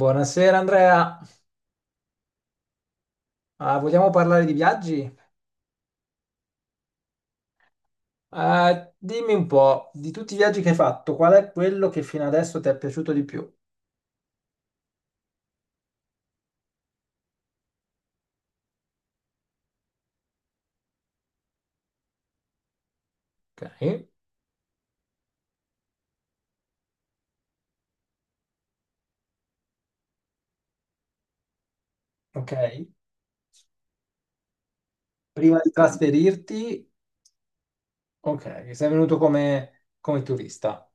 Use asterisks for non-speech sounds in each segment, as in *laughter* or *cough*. Buonasera Andrea. Ah, vogliamo parlare di viaggi? Dimmi un po', di tutti i viaggi che hai fatto, qual è quello che fino adesso ti è piaciuto di più? Ok, ok. Prima di trasferirti, ok, sei venuto come turista.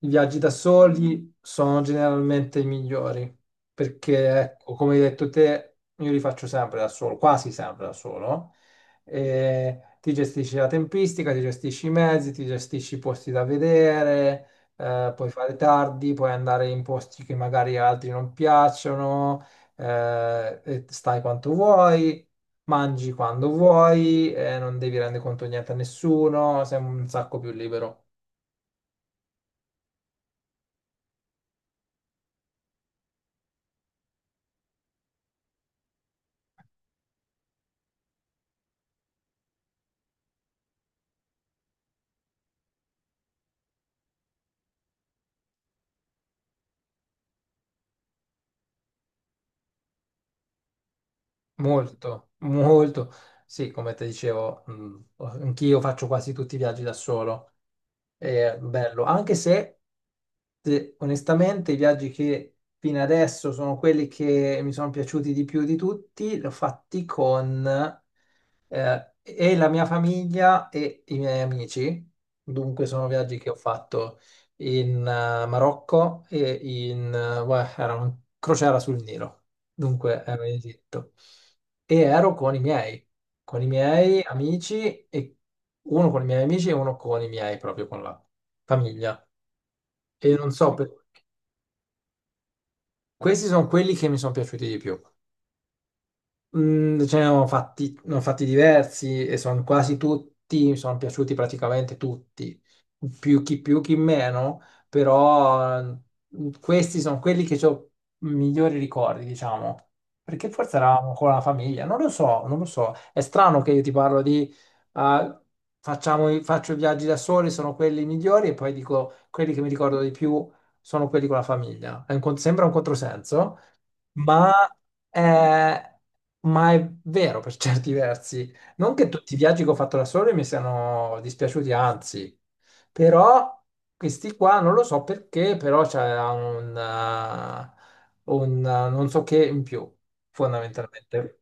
I viaggi da soli sono generalmente i migliori, perché ecco, come hai detto te, io li faccio sempre da solo, quasi sempre da solo, e ti gestisci la tempistica, ti gestisci i mezzi, ti gestisci i posti da vedere, puoi fare tardi, puoi andare in posti che magari a altri non piacciono, e stai quanto vuoi. Mangi quando vuoi, non devi rendere conto di niente a nessuno, sei un sacco più libero. Molto, molto. Sì, come ti dicevo, anch'io faccio quasi tutti i viaggi da solo, è bello, anche se onestamente i viaggi che fino adesso sono quelli che mi sono piaciuti di più di tutti, li ho fatti con la mia famiglia e i miei amici. Dunque sono viaggi che ho fatto in Marocco e in beh, era una crociera sul Nilo, dunque ero in Egitto e ero con i miei amici e uno con i miei amici e uno con i miei, proprio con la famiglia. E non so, questi sono quelli che mi sono piaciuti di più. Ce ne ho fatti diversi e sono quasi tutti, mi sono piaciuti praticamente tutti, più chi meno, però questi sono quelli che ho migliori ricordi, diciamo, perché forse eravamo con la famiglia, non lo so, non lo so, è strano che io ti parlo di ah, facciamo, faccio i viaggi da soli, sono quelli migliori e poi dico quelli che mi ricordo di più sono quelli con la famiglia. Sembra un controsenso. Ma è, ma è vero per certi versi. Non che tutti i viaggi che ho fatto da solo mi siano dispiaciuti, anzi, però questi qua non lo so perché, però c'è un non so che in più, fondamentalmente.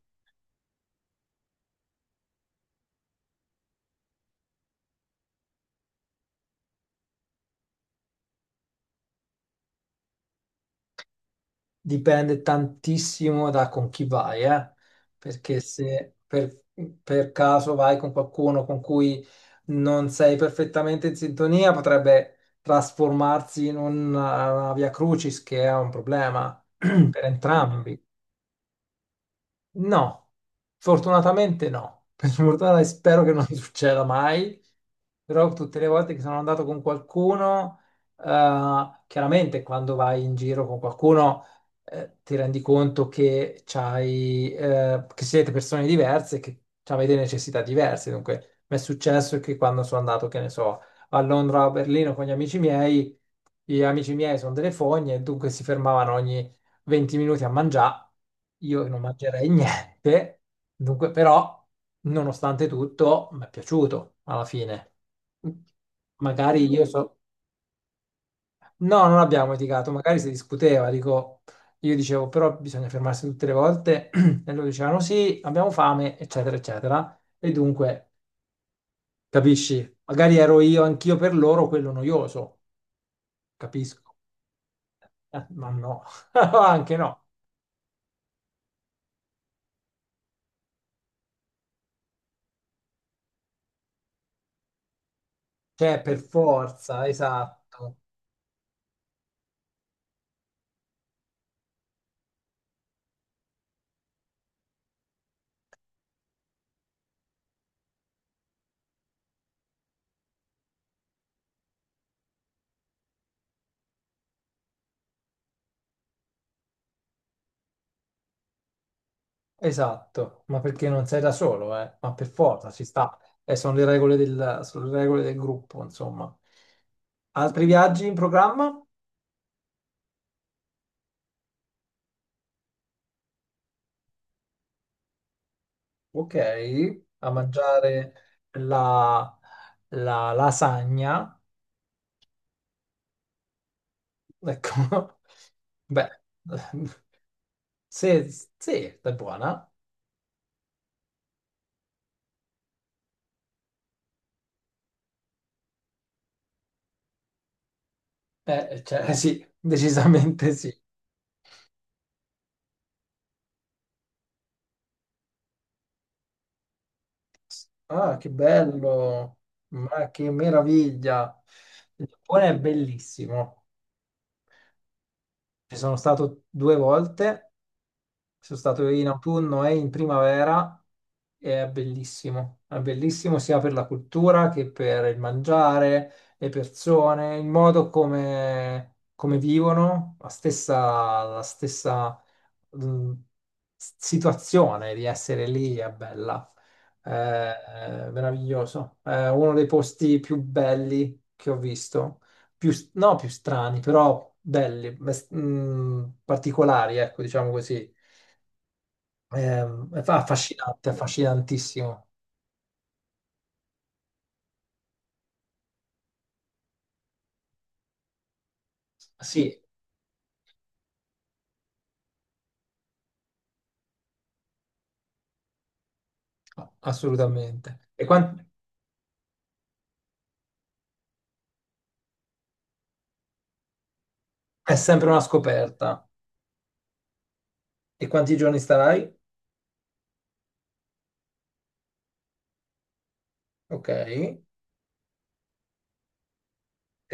Dipende tantissimo da con chi vai, eh? Perché se per caso vai con qualcuno con cui non sei perfettamente in sintonia, potrebbe trasformarsi in una via crucis, che è un problema *clears throat* per entrambi. No, fortunatamente no. *laughs* Per fortuna e spero che non *laughs* succeda mai, però tutte le volte che sono andato con qualcuno, eh, chiaramente quando vai in giro con qualcuno, ti rendi conto che c'hai, che siete persone diverse, che avete necessità diverse. Dunque, mi è successo che quando sono andato, che ne so, a Londra o a Berlino con gli amici miei sono delle fogne, dunque si fermavano 20 minuti a mangiare, io non mangerei niente, dunque però, nonostante tutto, mi è piaciuto alla fine. Magari io so. No, non abbiamo litigato, magari si discuteva, dico, io dicevo però bisogna fermarsi tutte le volte *clears throat* e loro dicevano sì, abbiamo fame, eccetera, eccetera. E dunque, capisci? Magari ero io anch'io per loro quello noioso, capisco. Ma no, *laughs* anche no. Cioè, per forza, esatto. Esatto, ma perché non sei da solo, eh? Ma per forza ci sta. E sono le regole del gruppo, insomma. Altri viaggi in programma? Ok, a mangiare la, la lasagna. Ecco, *laughs* beh, se, se è buona. Cioè, *laughs* sì, decisamente sì. Ah, che bello, ma che meraviglia. Il Giappone è bellissimo. Ci sono stato due volte, sono stato in autunno e in primavera e è bellissimo sia per la cultura che per il mangiare, le persone, il modo come vivono, la stessa mh, situazione di essere lì è bella, è meraviglioso, è uno dei posti più belli che ho visto più, no, più strani, però belli, particolari, ecco, diciamo così. È affascinante, affascinantissimo. Sì, assolutamente. È sempre una scoperta. E quanti giorni starai? Ok. E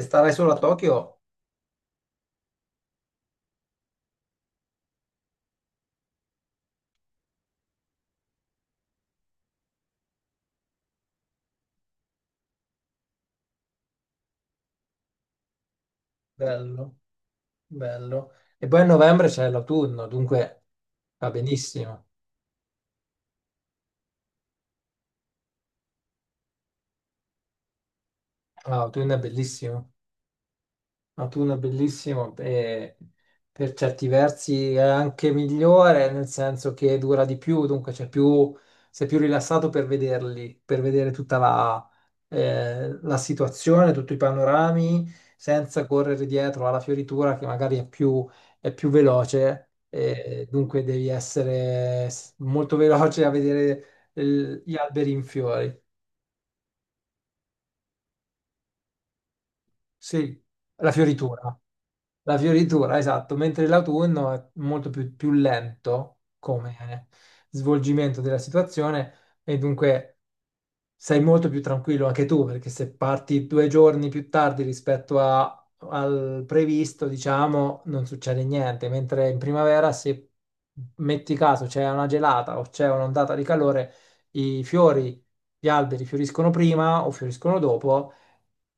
starai solo a Tokyo? Bello, bello. E poi a novembre c'è l'autunno, dunque va benissimo. Ah, l'autunno è bellissimo. Ma tu È bellissimo e per certi versi è anche migliore, nel senso che dura di più, dunque c'è più, sei più rilassato per vederli, per vedere tutta la situazione, tutti i panorami, senza correre dietro alla fioritura che magari è più, veloce, e dunque devi essere molto veloce a vedere gli alberi in fiori. Sì, la fioritura. La fioritura, esatto, mentre l'autunno è molto più lento come svolgimento della situazione e dunque sei molto più tranquillo anche tu, perché se parti 2 giorni più tardi rispetto al previsto, diciamo, non succede niente, mentre in primavera, se metti caso c'è una gelata o c'è un'ondata di calore, i fiori, gli alberi fioriscono prima o fioriscono dopo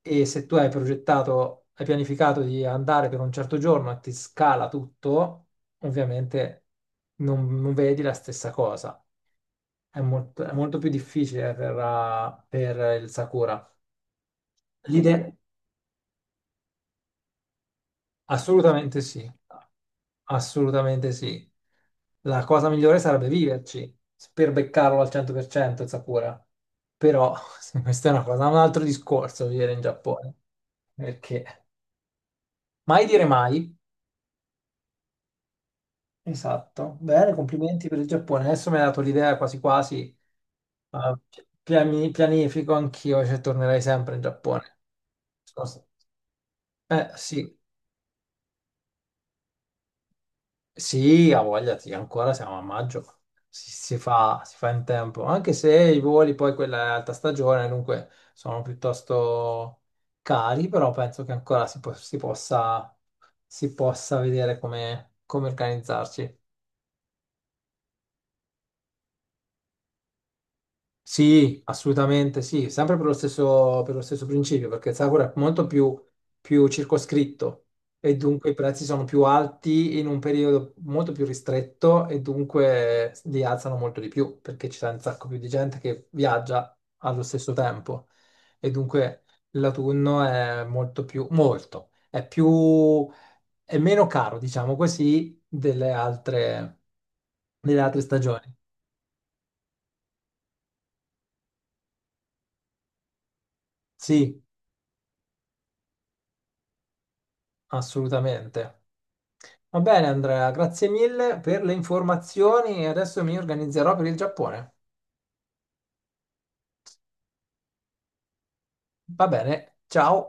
e se tu hai progettato, hai pianificato di andare per un certo giorno e ti scala tutto, ovviamente non vedi la stessa cosa. È molto più difficile per il Sakura. L'idea? Assolutamente sì, assolutamente sì. La cosa migliore sarebbe viverci per beccarlo al 100% il Sakura. Però *laughs* questa è una cosa, un altro discorso vivere in Giappone. Perché Mai dire mai. Esatto. Bene, complimenti per il Giappone. Adesso mi hai dato l'idea quasi quasi. eh, pianifico anch'io, cioè tornerei sempre in Giappone. Sono- Eh sì. Sì, ha voglia, sì, ancora siamo a maggio, si fa, si fa in tempo, anche se i voli poi quella è alta stagione, dunque sono piuttosto cari, però penso che ancora si, si possa vedere come organizzarci. Sì, assolutamente sì, sempre per lo stesso principio, perché il Sakura è molto più circoscritto e dunque i prezzi sono più alti in un periodo molto più ristretto e dunque li alzano molto di più perché ci sarà un sacco più di gente che viaggia allo stesso tempo e dunque l'autunno è molto più, molto, è più, è meno caro, diciamo così, delle altre stagioni. Sì. Assolutamente. Va bene, Andrea, grazie mille per le informazioni e adesso mi organizzerò per il Giappone. Va bene, ciao.